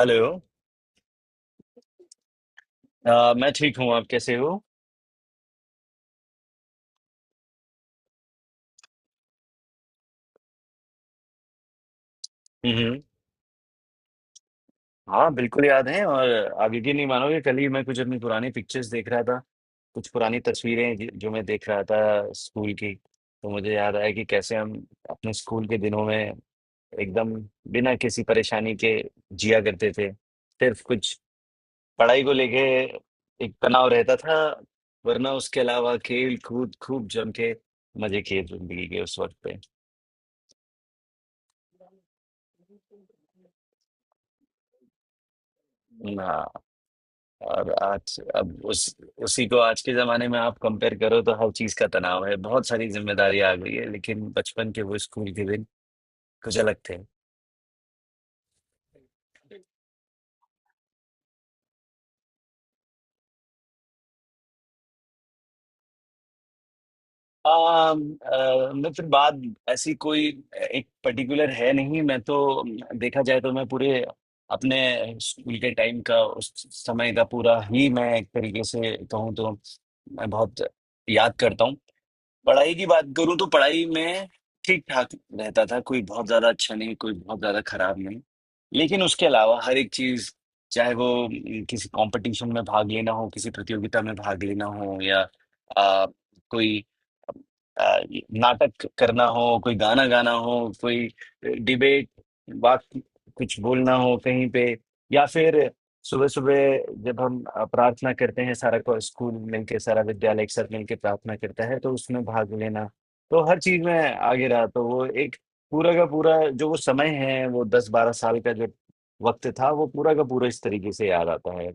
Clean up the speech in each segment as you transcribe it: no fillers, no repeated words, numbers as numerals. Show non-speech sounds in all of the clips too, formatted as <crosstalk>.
Hello. मैं ठीक हूँ। आप कैसे हो? हम्म। हाँ, बिल्कुल याद है। और आप यकीन नहीं मानोगे, कल ही मैं कुछ अपनी पुरानी पिक्चर्स देख रहा था। कुछ पुरानी तस्वीरें जो मैं देख रहा था स्कूल की। तो मुझे याद आया कि कैसे हम अपने स्कूल के दिनों में एकदम बिना किसी परेशानी के जिया करते थे। सिर्फ कुछ पढ़ाई को लेके एक तनाव रहता था। वरना उसके अलावा खेल कूद खूब जम के मजे किए जिंदगी के उस वक्त पे। हाँ। और आज अब उस उसी को आज के जमाने में आप कंपेयर करो तो हर चीज का तनाव है। बहुत सारी जिम्मेदारी आ गई है, लेकिन बचपन के वो स्कूल के दिन कुछ अलग थे। मित्र बात ऐसी कोई एक पर्टिकुलर है नहीं। मैं तो, देखा जाए तो, मैं पूरे अपने स्कूल के टाइम का, उस समय का पूरा ही, मैं एक तरीके से कहूँ तो, मैं बहुत याद करता हूँ। पढ़ाई की बात करूं तो पढ़ाई में ठीक ठाक रहता था। कोई बहुत ज्यादा अच्छा नहीं, कोई बहुत ज्यादा खराब नहीं। लेकिन उसके अलावा हर एक चीज चाहे वो किसी कंपटीशन में भाग लेना हो, किसी प्रतियोगिता में भाग लेना हो, या आ, कोई आ, नाटक करना हो, कोई गाना गाना हो, कोई डिबेट बात कुछ बोलना हो कहीं पे, या फिर सुबह-सुबह जब हम प्रार्थना करते हैं, सारा को स्कूल मिलके, सारा विद्यालय एक साथ मिलके प्रार्थना करता है, तो उसमें भाग लेना, तो हर चीज़ में आगे रहा। तो वो एक पूरा का पूरा जो वो समय है, वो 10-12 साल का जो वक़्त था, वो पूरा का पूरा इस तरीके से याद आता है।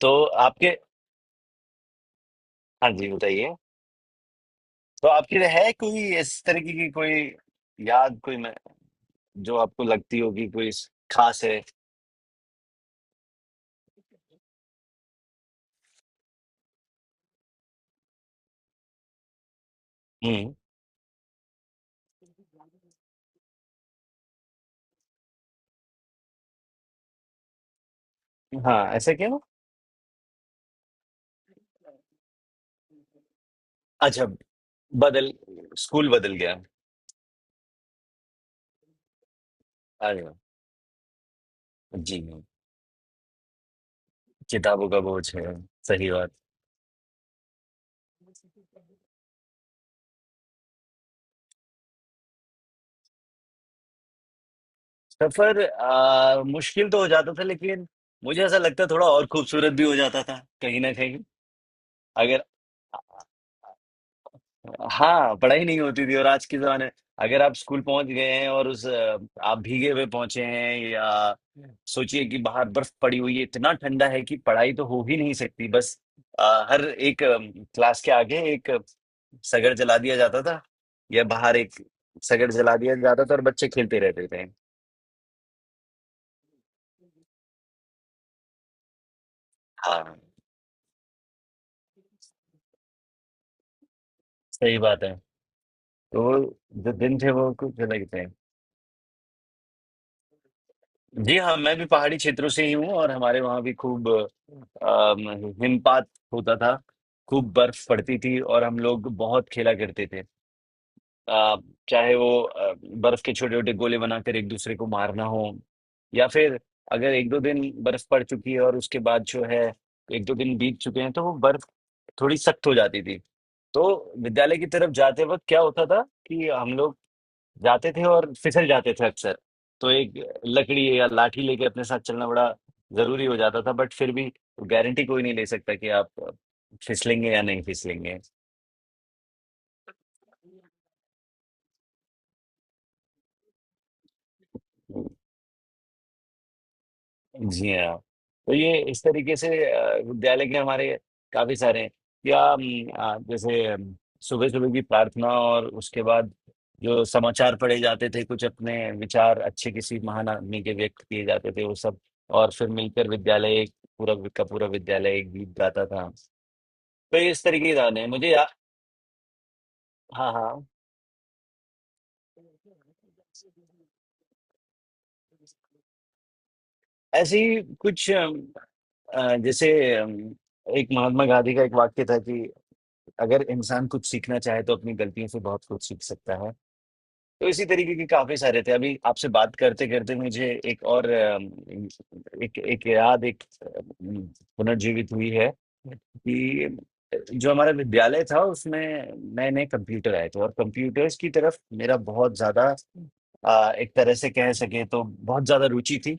तो आपके, हाँ जी, बताइए? तो आपके है कोई इस तरीके की कोई याद, कोई मैं, जो आपको लगती होगी कोई स ख़ास है? हुँ। हाँ, ऐसा क्यों? अच्छा, बदल, स्कूल बदल गया। अरे वाह! जी, किताबों का बोझ है, सही बात। सफ़र मुश्किल तो हो जाता था, लेकिन मुझे ऐसा लगता है थोड़ा और खूबसूरत भी हो जाता था, कहीं न कहीं। अगर, हाँ, पढ़ाई नहीं होती थी। और आज के जमाने, अगर आप स्कूल पहुंच गए हैं और उस आप भीगे हुए पहुंचे हैं, या सोचिए कि बाहर बर्फ पड़ी हुई है, इतना ठंडा है कि पढ़ाई तो हो ही नहीं सकती, बस हर एक क्लास के आगे एक सगड़ जला दिया जाता था, या बाहर एक सगड़ जला दिया जाता था, और बच्चे खेलते रहते थे। हाँ, सही बात है। तो वो जो दिन थे वो कुछ अलग थे। जी हाँ, मैं भी पहाड़ी क्षेत्रों से ही हूँ, और हमारे वहाँ भी खूब हिमपात होता था। खूब बर्फ पड़ती थी, और हम लोग बहुत खेला करते थे। अ, चाहे वो बर्फ के छोटे छोटे गोले बनाकर एक दूसरे को मारना हो, या फिर अगर एक दो दिन बर्फ पड़ चुकी है और उसके बाद जो है एक दो दिन बीत चुके हैं, तो वो बर्फ थोड़ी सख्त हो जाती थी। तो विद्यालय की तरफ जाते वक्त क्या होता था कि हम लोग जाते थे और फिसल जाते थे अक्सर। तो एक लकड़ी या लाठी लेके अपने साथ चलना बड़ा जरूरी हो जाता था। बट फिर भी गारंटी कोई नहीं ले सकता कि आप फिसलेंगे या नहीं फिसलेंगे। जी हाँ। तो ये इस तरीके से विद्यालय के हमारे काफ़ी सारे हैं, या जैसे सुबह-सुबह की प्रार्थना और उसके बाद जो समाचार पढ़े जाते थे, कुछ अपने विचार अच्छे किसी महान आदमी के व्यक्त किए जाते थे, वो सब, और फिर मिलकर विद्यालय एक पूरा का पूरा विद्यालय एक गीत गाता था। तो ये इस तरीके की यादें हैं मुझे, या, हाँ, हाँ। ऐसे ही कुछ जैसे एक महात्मा गांधी का एक वाक्य था कि अगर इंसान कुछ सीखना चाहे तो अपनी गलतियों से बहुत कुछ सीख सकता है। तो इसी तरीके के काफ़ी सारे थे। अभी आपसे बात करते-करते मुझे एक और एक एक याद एक उम, पुनर्जीवित हुई है कि जो हमारा विद्यालय था उसमें नए-नए कंप्यूटर आए थे, और कंप्यूटर्स की तरफ मेरा बहुत ज़्यादा, एक तरह से कह सकें तो, बहुत ज़्यादा रुचि थी।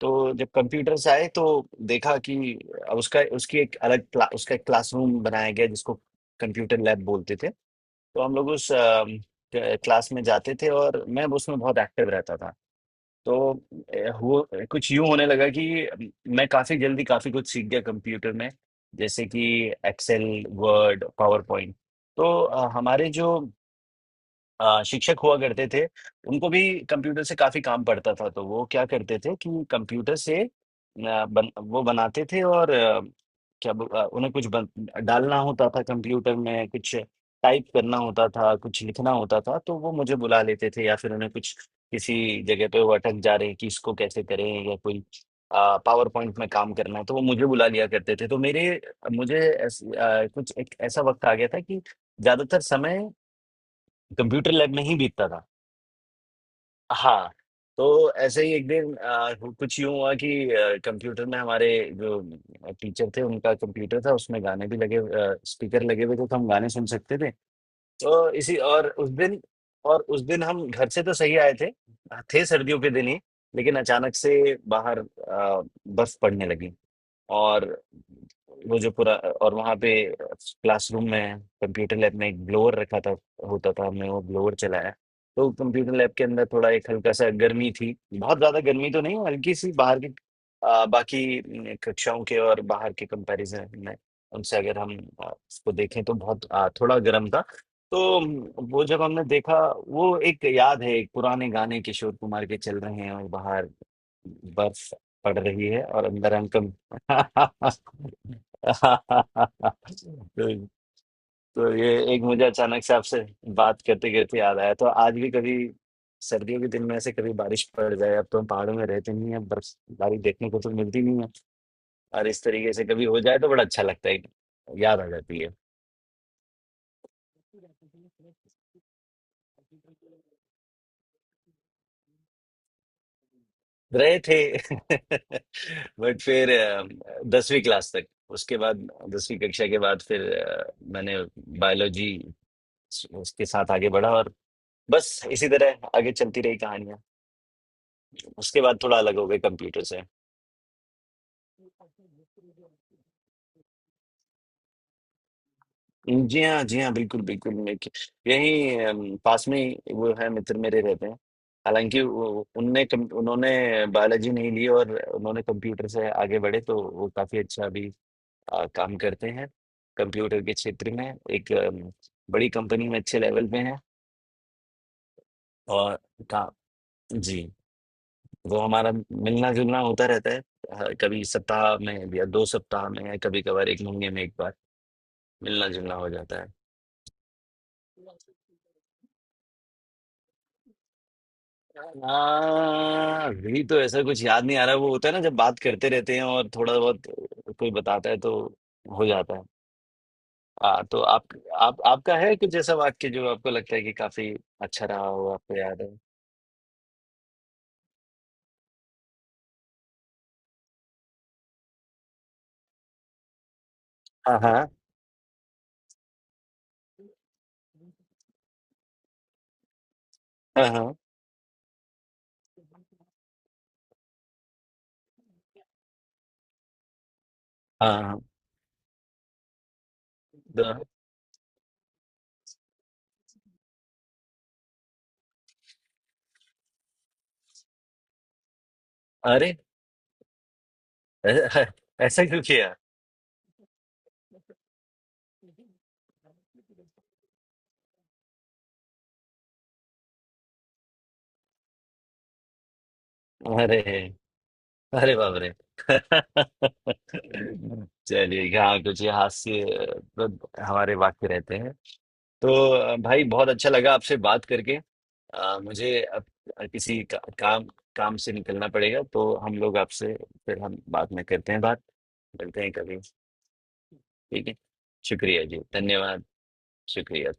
तो जब कंप्यूटर्स आए तो देखा कि उसका उसकी एक अलग क्ला उसका एक क्लासरूम बनाया गया जिसको कंप्यूटर लैब बोलते थे। तो हम लोग उस क्लास में जाते थे, और मैं उसमें बहुत एक्टिव रहता था। तो हुआ, कुछ यूं होने लगा कि मैं काफी जल्दी काफी कुछ सीख गया कंप्यूटर में, जैसे कि एक्सेल, वर्ड, पावर पॉइंट। तो हमारे जो शिक्षक हुआ करते थे, उनको भी कंप्यूटर से काफ़ी काम पड़ता था। तो वो क्या करते थे कि कंप्यूटर से, अ, बन वो बनाते थे, और उन्हें कुछ बन डालना होता था कंप्यूटर में, कुछ टाइप करना होता था, कुछ लिखना होता था, तो वो मुझे बुला लेते थे। या फिर उन्हें कुछ किसी जगह पे वो अटक जा रहे हैं कि इसको कैसे करें, या कोई पावर पॉइंट में काम करना है, तो वो मुझे बुला लिया करते थे। तो मेरे मुझे कुछ एक ऐसा वक़्त आ गया था कि ज़्यादातर समय कंप्यूटर लैब में ही बीतता था। हाँ। तो ऐसे ही एक दिन कुछ यूं हुआ कि कंप्यूटर में हमारे जो टीचर थे, उनका कंप्यूटर था, उसमें गाने भी लगे, स्पीकर लगे हुए थे, तो हम गाने सुन सकते थे। तो इसी और उस दिन हम घर से तो सही आए थे। थे सर्दियों के दिन ही। लेकिन अचानक से बाहर बर्फ पड़ने लगी। और वो जो पूरा और वहाँ पे क्लासरूम में, कंप्यूटर लैब में एक ब्लोअर रखा था होता था। हमने वो ब्लोअर चलाया, तो कंप्यूटर लैब के अंदर थोड़ा एक हल्का सा गर्मी थी। बहुत ज़्यादा गर्मी तो नहीं, हल्की सी, बाहर की बाकी न, कक्षाओं के और बाहर के कंपैरिजन में, उनसे अगर हम उसको देखें तो बहुत, थोड़ा गर्म था। तो वो जब हमने देखा, वो एक याद है। एक पुराने गाने किशोर कुमार के चल रहे हैं, और बाहर बर्फ पड़ रही है, और अंदर हम। तो, तो ये एक मुझे अचानक से आपसे बात करते करते याद आया। तो आज भी कभी सर्दियों के दिन में ऐसे कभी बारिश पड़ जाए, अब तो हम पहाड़ों में रहते नहीं है, बर्फबारी देखने को तो मिलती नहीं है, और इस तरीके से कभी हो जाए तो बड़ा अच्छा लगता है, याद आ जाती है। रहे थे <laughs> बट फिर दसवीं क्लास तक, उसके बाद दसवीं कक्षा के बाद फिर मैंने बायोलॉजी उसके साथ आगे बढ़ा, और बस इसी तरह आगे चलती रही कहानियाँ। उसके बाद थोड़ा अलग हो गए कंप्यूटर से। जी हाँ, जी हाँ, बिल्कुल बिल्कुल। यही पास में ही वो है, मित्र मेरे रहते हैं। हालांकि उन्होंने बायोलॉजी नहीं ली, और उन्होंने कंप्यूटर से आगे बढ़े, तो वो काफी अच्छा अभी काम करते हैं कंप्यूटर के क्षेत्र में, एक बड़ी कंपनी में अच्छे लेवल पे हैं। और का जी, वो हमारा मिलना जुलना होता रहता है। कभी सप्ताह में, या दो सप्ताह में, या कभी कभार एक महीने में एक बार मिलना जुलना हो जाता है। हाँ, अभी तो ऐसा कुछ याद नहीं आ रहा। वो होता है ना, जब बात करते रहते हैं और थोड़ा बहुत कोई बताता है, तो हो जाता है। हाँ, तो आप, आपका है कुछ ऐसा वाक्य जो आपको लगता है कि काफी अच्छा रहा हो, आपको याद है? हाँ, हाँ। हाँ, हाँ। हाँ, हाँ। तो- अरे, ऐ- ऐ- ऐसा क्यों किया? अरे, अरे बाप रे। चलिए, यहाँ कुछ ये हास्य तो हमारे वाक्य रहते हैं। तो भाई, बहुत अच्छा लगा आपसे बात करके। मुझे अब किसी का, काम काम से निकलना पड़ेगा, तो हम लोग आपसे फिर, हम बाद में करते हैं बात। मिलते हैं कभी। ठीक है। शुक्रिया जी, धन्यवाद। शुक्रिया।